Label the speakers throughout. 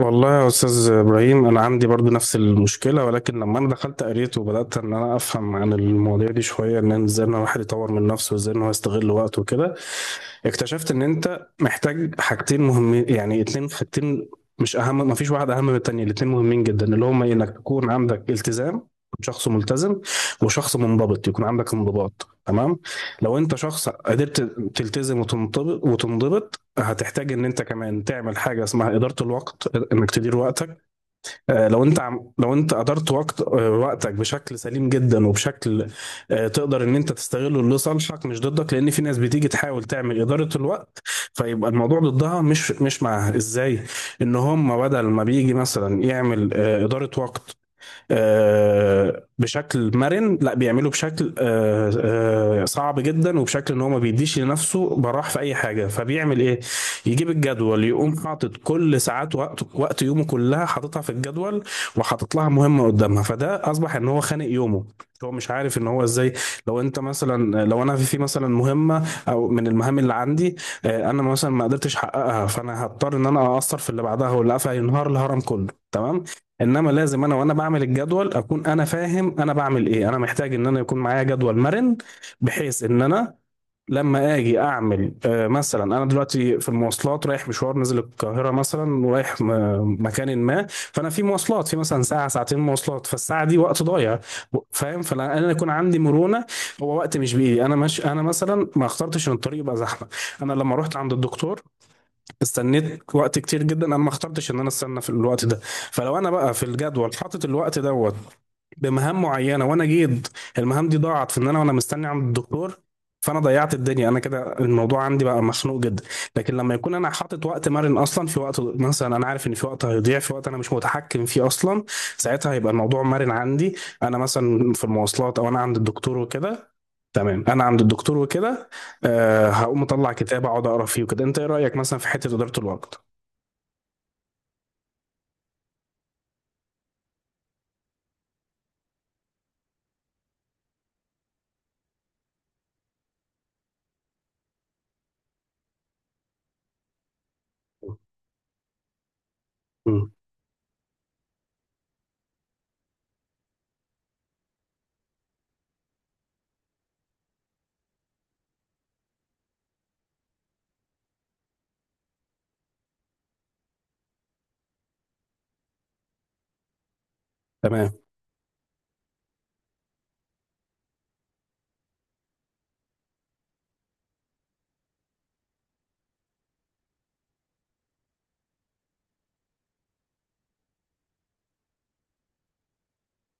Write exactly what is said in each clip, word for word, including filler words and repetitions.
Speaker 1: والله يا استاذ ابراهيم، انا عندي برضو نفس المشكله، ولكن لما انا دخلت قريت وبدات ان انا افهم عن المواضيع دي شويه، ان ازاي ان الواحد يطور من نفسه وازاي ان هو يستغل وقته وكده، اكتشفت ان انت محتاج حاجتين مهمين، يعني اتنين حاجتين، مش اهم، ما فيش واحد اهم من التانية، الاتنين مهمين جدا، اللي هما انك تكون عندك التزام، شخص ملتزم، وشخص منضبط، يكون عندك انضباط. تمام. لو انت شخص قدرت تلتزم وتنضبط وتنضبط، هتحتاج ان انت كمان تعمل حاجة اسمها إدارة الوقت، انك تدير وقتك. آه، لو انت عم- لو انت ادرت وقت آه، وقتك بشكل سليم جدا وبشكل آه، تقدر ان انت تستغله لصالحك مش ضدك، لان في ناس بتيجي تحاول تعمل اداره الوقت، فيبقى الموضوع ضدها مش مش معاها. ازاي؟ ان هم بدل ما بيجي مثلا يعمل آه، اداره وقت آه، بشكل مرن، لا، بيعمله بشكل آه، آه، صعب جدا، وبشكل ان هو ما بيديش لنفسه براح في اي حاجه. فبيعمل ايه؟ يجيب الجدول، يقوم حاطط كل ساعات وقت وقت يومه كلها، حاططها في الجدول، وحاطط لها مهمه قدامها، فده اصبح ان هو خانق يومه، هو مش عارف ان هو ازاي. لو انت مثلا لو انا في في مثلا مهمه او من المهام اللي عندي، آه، انا مثلا ما قدرتش احققها، فانا هضطر ان انا اقصر في اللي بعدها، واللي قفل، ينهار الهرم كله. تمام؟ انما لازم انا وانا بعمل الجدول اكون انا فاهم انا بعمل ايه، انا محتاج ان انا يكون معايا جدول مرن، بحيث ان انا لما اجي اعمل آه، مثلا، انا دلوقتي في المواصلات، رايح مشوار، نزل القاهره مثلا، ورايح م- مكان ما، فانا في مواصلات، في مثلا ساعه ساعتين مواصلات، فالساعه دي وقت ضايع، و- فاهم؟ فانا يكون عندي مرونه، هو وقت مش بايدي انا مش انا مثلا ما اخترتش ان الطريق يبقى زحمه. انا لما رحت عند الدكتور استنيت وقت كتير جدا، انا ما اخترتش ان انا استنى في الوقت ده. فلو انا بقى في الجدول حاطط الوقت دوت بمهام معينه، وانا جيت المهام دي ضاعت في ان انا وانا مستني عند الدكتور، فانا ضيعت الدنيا، انا كده الموضوع عندي بقى مخنوق جدا. لكن لما يكون انا حاطط وقت مرن اصلا، في وقت مثلا انا عارف ان في وقت هيضيع، في وقت انا مش متحكم فيه اصلا، ساعتها هيبقى الموضوع مرن عندي، انا مثلا في المواصلات او انا عند الدكتور وكده. تمام، انا عند الدكتور وكده، آه هقوم اطلع كتاب، اقعد اقرا فيه وكده. انت ايه رايك مثلا في حته اداره الوقت؟ مم. تمام،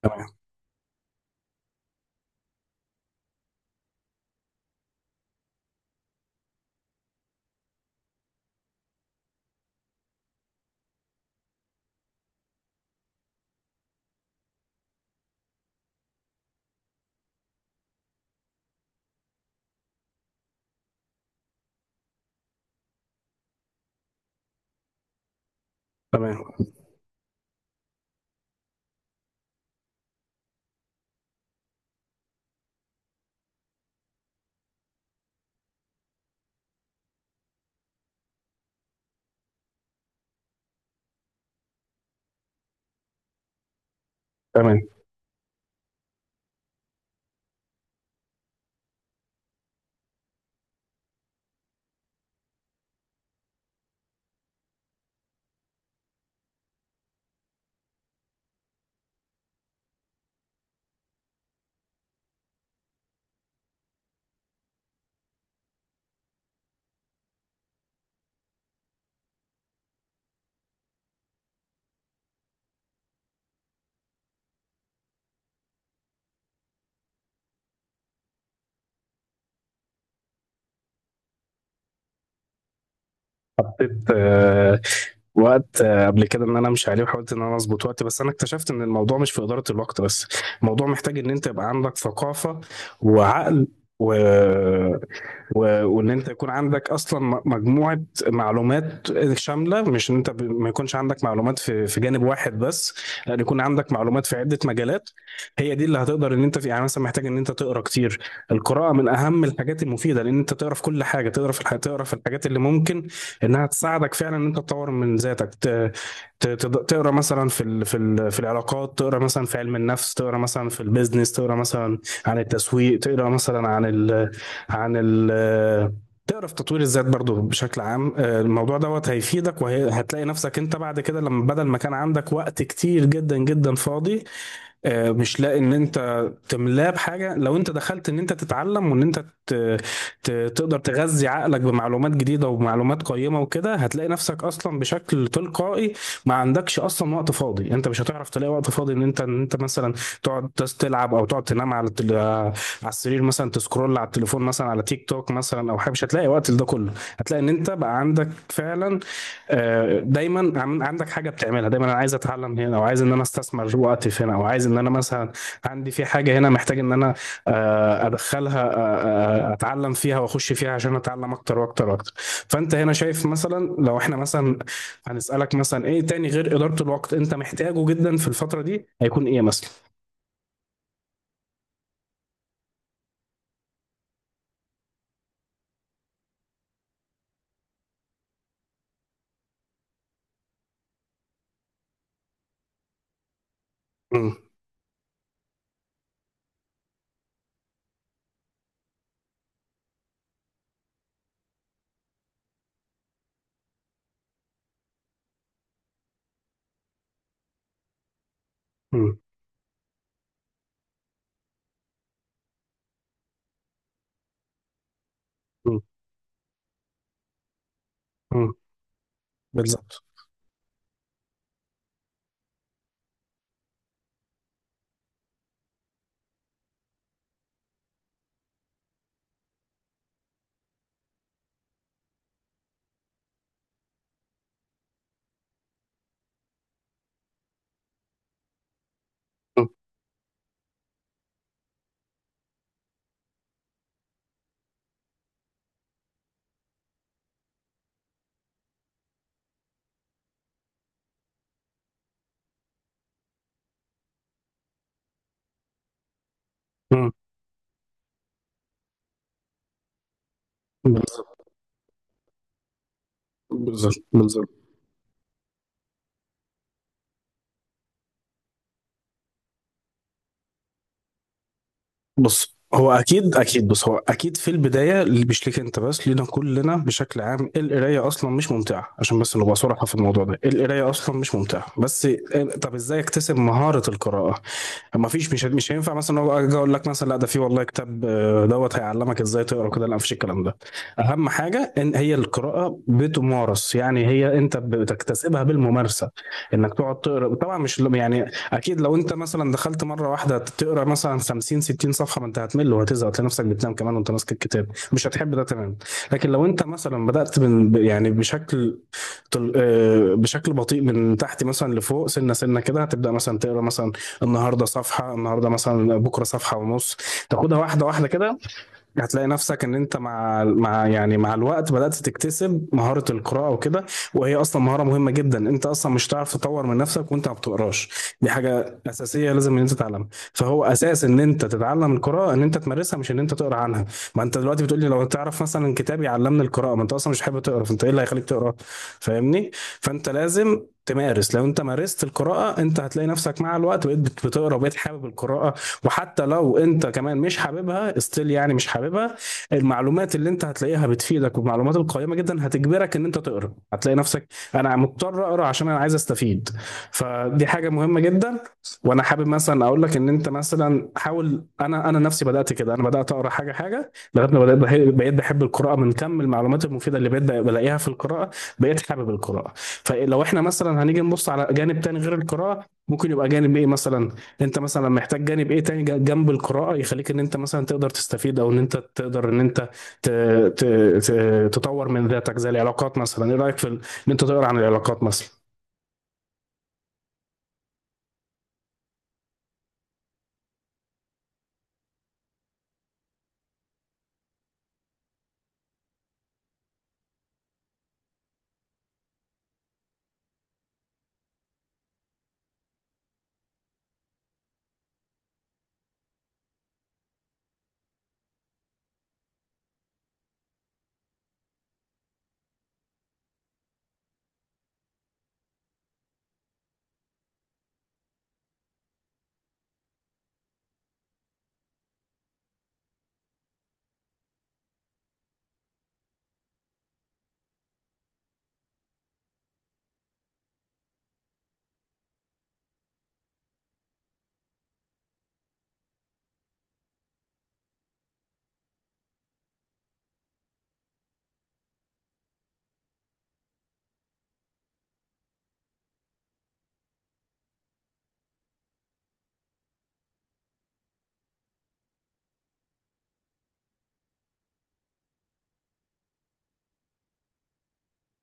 Speaker 1: تمام، تمام، تمام. حطيت آه، وقت آه، قبل كده، ان انا امشي عليه، وحاولت ان انا اظبط وقت، بس انا اكتشفت ان الموضوع مش في اداره الوقت بس، الموضوع محتاج ان انت يبقى عندك ثقافه وعقل، و... و... وان انت يكون عندك اصلا م- مجموعه معلومات شامله، مش ان انت ب... ما يكونش عندك معلومات في في جانب واحد بس، لان يكون عندك معلومات في عده مجالات، هي دي اللي هتقدر ان انت في، يعني مثلا محتاج ان انت تقرا كتير. القراءه من اهم الحاجات المفيده، لان انت تقرا في كل حاجه، تقرا في الح... تقرا في الحاجات اللي ممكن انها تساعدك فعلا ان انت تطور من ذاتك، ت... ت... تد- تقرا مثلا في ال... في ال... في العلاقات، تقرا مثلا في علم النفس، تقرا مثلا في البيزنس، تقرا مثلا عن التسويق، تقرا مثلا عن ال... عن ال... تقرا في تطوير الذات برضو بشكل عام. آه، الموضوع دوت هيفيدك، وهتلاقي نفسك انت بعد كده، لما بدل ما كان عندك وقت كتير جدا جدا فاضي، آه، مش لاقي ان انت تملاه بحاجه، لو انت دخلت ان انت تتعلم، وان انت ت- ت- تقدر تغذي عقلك بمعلومات جديدة ومعلومات قيمة وكده، هتلاقي نفسك أصلا بشكل تلقائي ما عندكش أصلا وقت فاضي، أنت مش هتعرف تلاقي وقت فاضي. إن أنت إن أنت مثلا تقعد بس تلعب، أو تقعد تنام على التل... آه، على السرير مثلا، تسكرول على التليفون مثلا، على تيك توك مثلا، أو حاجة، مش هتلاقي وقت لده كله. هتلاقي إن أنت بقى عندك فعلا آه، دايما عن- عندك حاجة بتعملها دايما، أنا عايز أتعلم هنا، أو عايز إن أنا أستثمر وقتي في هنا، أو عايز إن أنا مثلا عندي في حاجة هنا محتاج إن أنا آه، ادخلها، آه، آه، اتعلم فيها واخش فيها عشان اتعلم اكتر واكتر واكتر. فانت هنا شايف مثلا، لو احنا مثلا هنسالك مثلا ايه تاني غير اداره الوقت انت محتاجه جدا في الفتره دي، هيكون ايه مثلا؟ مم، مم، مم، مم، بالظبط. مم، مم، بالظبط. بالظبط، بالظبط. بص هو اكيد اكيد بص، هو اكيد في البدايه، اللي مش ليك انت بس، لينا كلنا بشكل عام، القرايه اصلا مش ممتعه، عشان بس نبقى صراحه في الموضوع ده، القرايه اصلا مش ممتعه، بس طب ازاي اكتسب مهاره القراءه؟ ما فيش، مش مش هينفع مثلا هو اجي اقول لك مثلا، لا، ده في والله كتاب آه، دوت هيعلمك ازاي تقرا كده، لا، مفيش الكلام ده. اهم حاجه ان هي القراءه بتمارس، يعني هي انت بتكتسبها بالممارسه، انك تقعد تقرا. طبعا مش يعني، اكيد لو انت مثلا دخلت مره واحده تقرا مثلا خمسين ستين صفحه، ما انت هتمل وهتزهق، هتلاقي نفسك بتنام كمان وانت ماسك الكتاب، مش هتحب ده. تمام؟ لكن لو انت مثلا بدات من ب- يعني بشكل طل... آه، بشكل بطيء، من تحت مثلا لفوق، سنه سنه كده، هتبدا مثلا تقرا مثلا النهارده صفحه، النهارده مثلا، بكره صفحه ونص، تاخدها واحده واحده كده، هتلاقي نفسك ان انت مع مع يعني مع الوقت بدأت تكتسب مهارة القراءة وكده. وهي اصلا مهارة مهمة جدا، انت اصلا مش هتعرف تطور من نفسك وانت ما بتقراش، دي حاجة اساسية لازم ان انت تتعلمها. فهو اساس ان انت تتعلم القراءة ان انت تمارسها، مش ان انت تقرا عنها. ما انت دلوقتي بتقول لي لو تعرف مثلا كتاب يعلمني القراءة، ما انت اصلا مش حابب تقرا، فانت ايه اللي هيخليك تقرا؟ فاهمني؟ فانت لازم تمارس. لو انت مارست القراءة، انت هتلاقي نفسك مع الوقت بقيت بت- بتقرا، وبقيت حابب القراءة. وحتى لو انت كمان مش حاببها استيل، يعني مش حاببها، المعلومات اللي انت هتلاقيها بتفيدك والمعلومات القيمة جدا هتجبرك ان انت تقرا، هتلاقي نفسك انا مضطر اقرا عشان انا عايز استفيد. فدي حاجة مهمة جدا. وانا حابب مثلا اقول لك ان انت مثلا حاول، انا انا نفسي بدأت كده، انا بدأت اقرا حاجة حاجة لغاية ما بدأت بحب- بقيت بحب القراءة، من كم المعلومات المفيدة اللي بقيت بلاقيها في القراءة بقيت حابب القراءة. فلو احنا مثلا هنيجي نبص على جانب تاني غير القراءة، ممكن يبقى جانب ايه مثلا؟ انت مثلا محتاج جانب ايه تاني ج- جنب القراءة يخليك ان انت مثلا تقدر تستفيد، او ان انت تقدر ان انت ت... ت... ت... تطور من ذاتك، زي العلاقات مثلا. ايه رأيك في ال... ان انت تقرا عن العلاقات مثلا؟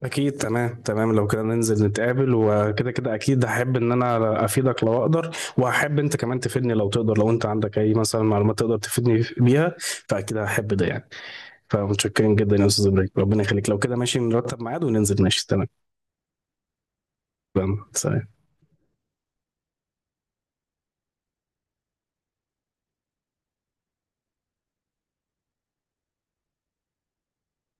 Speaker 1: اكيد، تمام تمام، لو كده ننزل نتقابل وكده، كده اكيد هحب ان انا افيدك لو اقدر، وهحب انت كمان تفيدني لو تقدر، لو انت عندك اي مثلا معلومات تقدر تفيدني بيها، فاكيد هحب ده يعني. فمتشكرين جدا يا استاذ ابراهيم، ربنا يخليك، لو كده ماشي نرتب ميعاد وننزل، ماشي؟ تمام، تمام، سلام.